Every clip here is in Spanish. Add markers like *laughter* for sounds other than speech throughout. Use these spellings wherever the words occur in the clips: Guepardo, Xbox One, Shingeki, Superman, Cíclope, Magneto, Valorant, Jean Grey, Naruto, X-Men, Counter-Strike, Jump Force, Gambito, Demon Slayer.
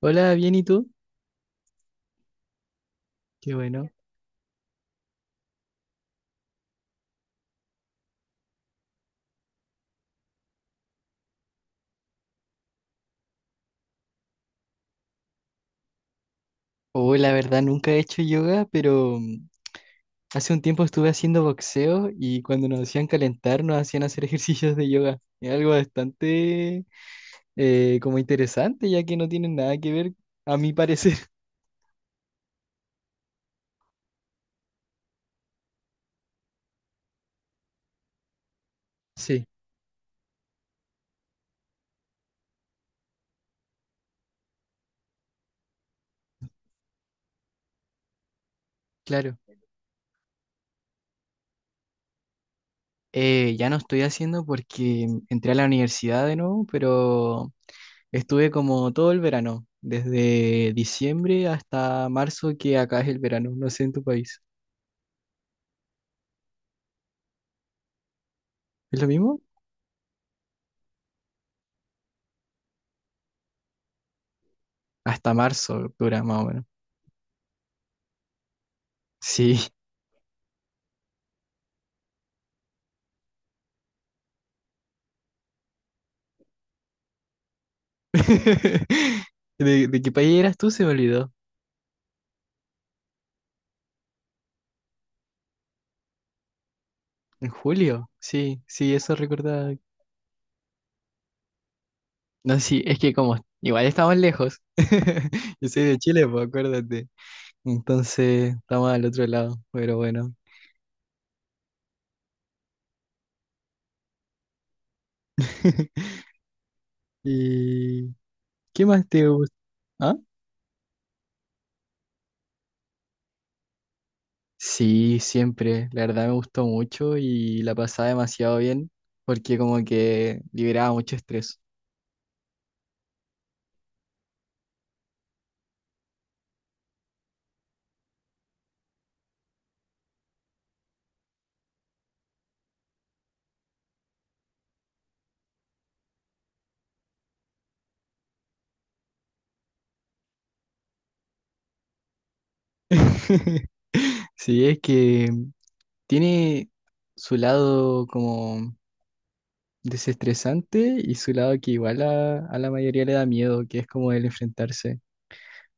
Hola, bien, ¿y tú? Qué bueno. Oh, la verdad, nunca he hecho yoga, pero hace un tiempo estuve haciendo boxeo y cuando nos hacían calentar, nos hacían hacer *laughs* ejercicios de yoga. Es algo bastante como interesante, ya que no tienen nada que ver, a mi parecer. *laughs* Sí, claro. Ya no estoy haciendo porque entré a la universidad de nuevo, pero estuve como todo el verano, desde diciembre hasta marzo, que acá es el verano. No sé en tu país. ¿Es lo mismo? Hasta marzo dura más o menos. Sí. *laughs* ¿De qué país eras tú? Se me olvidó. ¿En julio? Sí, sí, eso recordaba. No, sí, es que como igual estamos lejos. *laughs* Yo soy de Chile, pues acuérdate. Entonces estamos al otro lado, pero bueno. *laughs* ¿Y qué más te gusta? ¿Ah? Sí, siempre. La verdad me gustó mucho y la pasaba demasiado bien porque como que liberaba mucho estrés. *laughs* Sí, es que tiene su lado como desestresante y su lado que igual a la mayoría le da miedo, que es como el enfrentarse.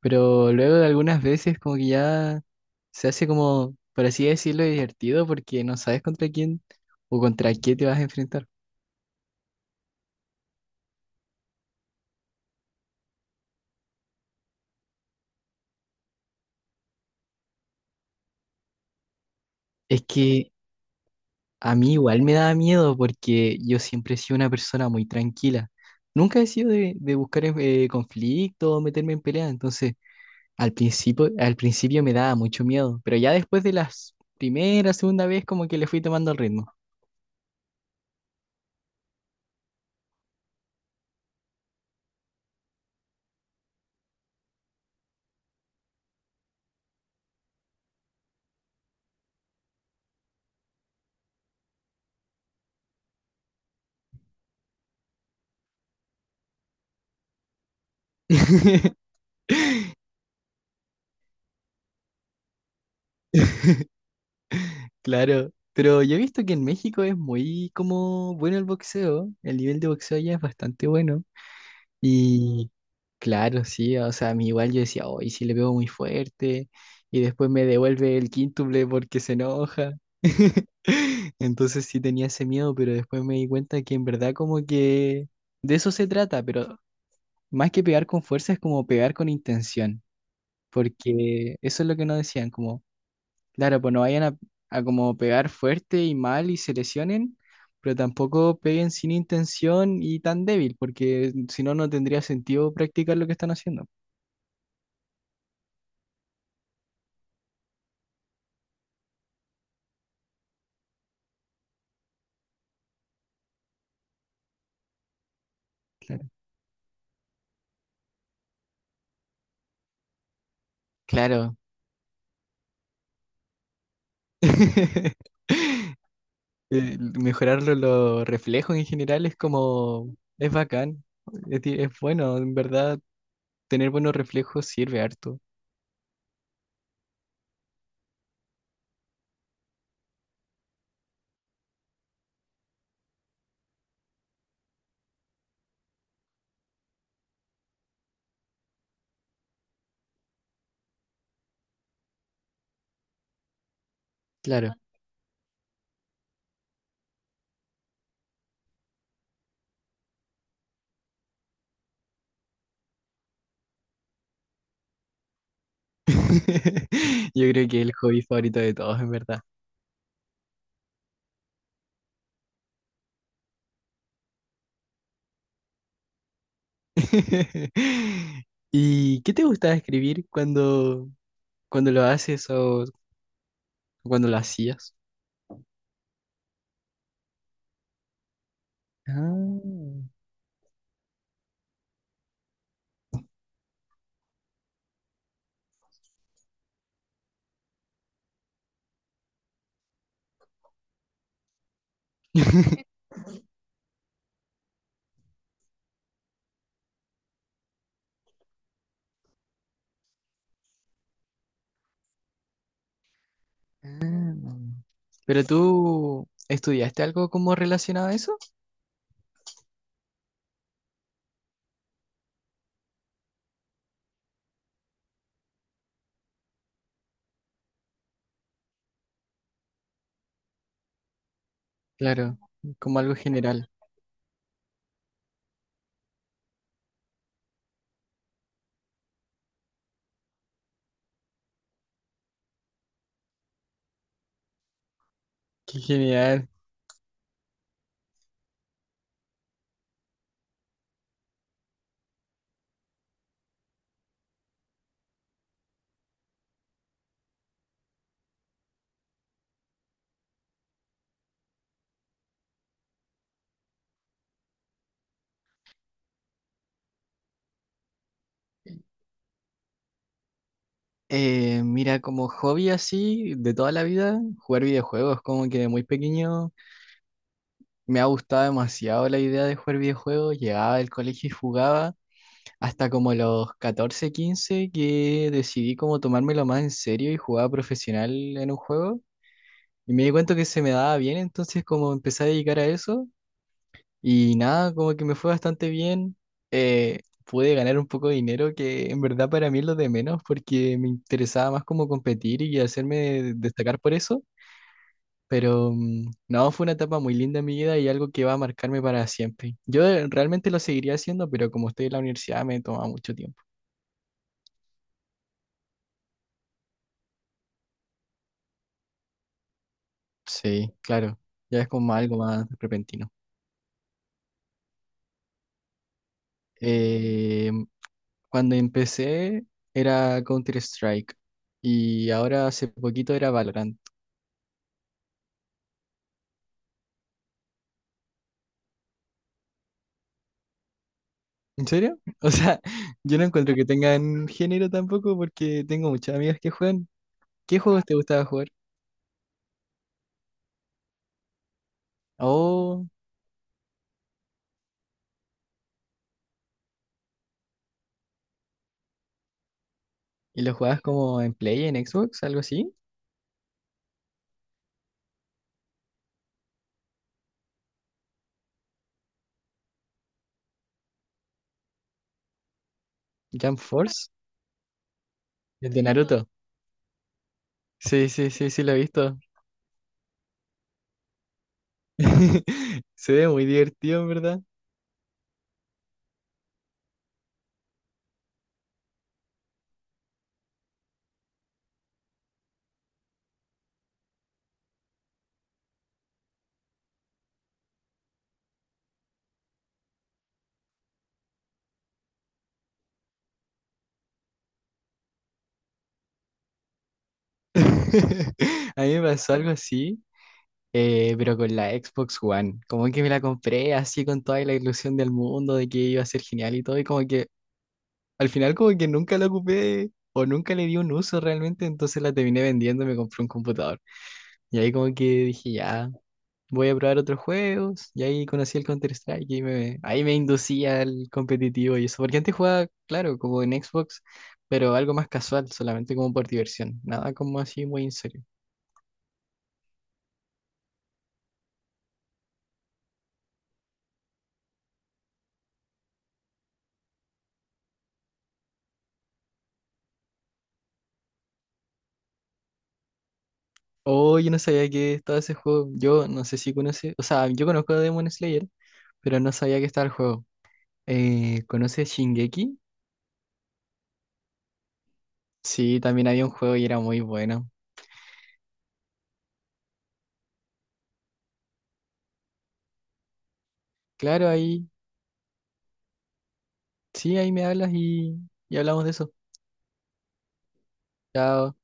Pero luego de algunas veces como que ya se hace como, por así decirlo, divertido porque no sabes contra quién o contra qué te vas a enfrentar. Es que a mí igual me da miedo porque yo siempre he sido una persona muy tranquila. Nunca he sido de buscar conflicto o meterme en pelea, entonces... Al principio me daba mucho miedo, pero ya después de las primera, segunda vez como que le fui tomando el ritmo. *laughs* Claro, pero yo he visto que en México es muy como bueno el boxeo, el nivel de boxeo allá es bastante bueno. Y claro, sí, o sea, a mí igual yo decía, hoy y si le pego muy fuerte, y después me devuelve el quíntuple porque se enoja. *laughs* Entonces sí tenía ese miedo, pero después me di cuenta que en verdad como que de eso se trata, pero más que pegar con fuerza es como pegar con intención, porque eso es lo que nos decían, como, claro, pues no vayan a como pegar fuerte y mal y se lesionen, pero tampoco peguen sin intención y tan débil, porque si no, no tendría sentido practicar lo que están haciendo. Claro. Claro. *laughs* Mejorar los reflejos en general es como, es bacán, es, es bueno, en verdad, tener buenos reflejos sirve harto. Claro. *laughs* Yo creo que es el hobby favorito de todos, en verdad. *laughs* ¿Y qué te gustaba escribir cuando, cuando lo haces o cuando lo hacías? Ah, *laughs* ah. ¿Pero tú estudiaste algo como relacionado a eso? Claro, como algo general. Qué genial. Mira, como hobby así de toda la vida, jugar videojuegos, como que de muy pequeño me ha gustado demasiado la idea de jugar videojuegos. Llegaba del colegio y jugaba. Hasta como los 14 15 que decidí como tomármelo más en serio y jugaba profesional en un juego. Y me di cuenta que se me daba bien, entonces como empecé a dedicar a eso y nada, como que me fue bastante bien. Pude ganar un poco de dinero que en verdad para mí es lo de menos porque me interesaba más como competir y hacerme destacar por eso. Pero no, fue una etapa muy linda en mi vida y algo que va a marcarme para siempre. Yo realmente lo seguiría haciendo, pero como estoy en la universidad me toma mucho tiempo. Sí, claro, ya es como algo más repentino. Eh, Cuando empecé era Counter-Strike y ahora hace poquito era Valorant. ¿En serio? *laughs* O sea, yo no encuentro que tengan género tampoco porque tengo muchas amigas que juegan. ¿Qué juegos te gustaba jugar? Oh, ¿y lo jugabas como en Play, en Xbox, algo así? Jump Force, el de Naruto. Sí, sí, sí, sí, lo he visto. *laughs* Se ve muy divertido, en verdad. *laughs* A mí me pasó algo así. Pero con la Xbox One, como que me la compré así con toda la ilusión del mundo de que iba a ser genial y todo, y como que al final como que nunca la ocupé o nunca le di un uso realmente, entonces la terminé vendiendo y me compré un computador. Y ahí como que dije, ya, voy a probar otros juegos, y ahí conocí el Counter-Strike y me, ahí me inducía al competitivo y eso, porque antes jugaba, claro, como en Xbox, pero algo más casual, solamente como por diversión, nada como así muy en serio. Oh, yo no sabía que estaba ese juego. Yo no sé si conoce, o sea, yo conozco a Demon Slayer, pero no sabía que estaba el juego. ¿Conoces Shingeki? Sí, también había un juego y era muy bueno. Claro, ahí, sí, ahí me hablas y hablamos de eso. Chao.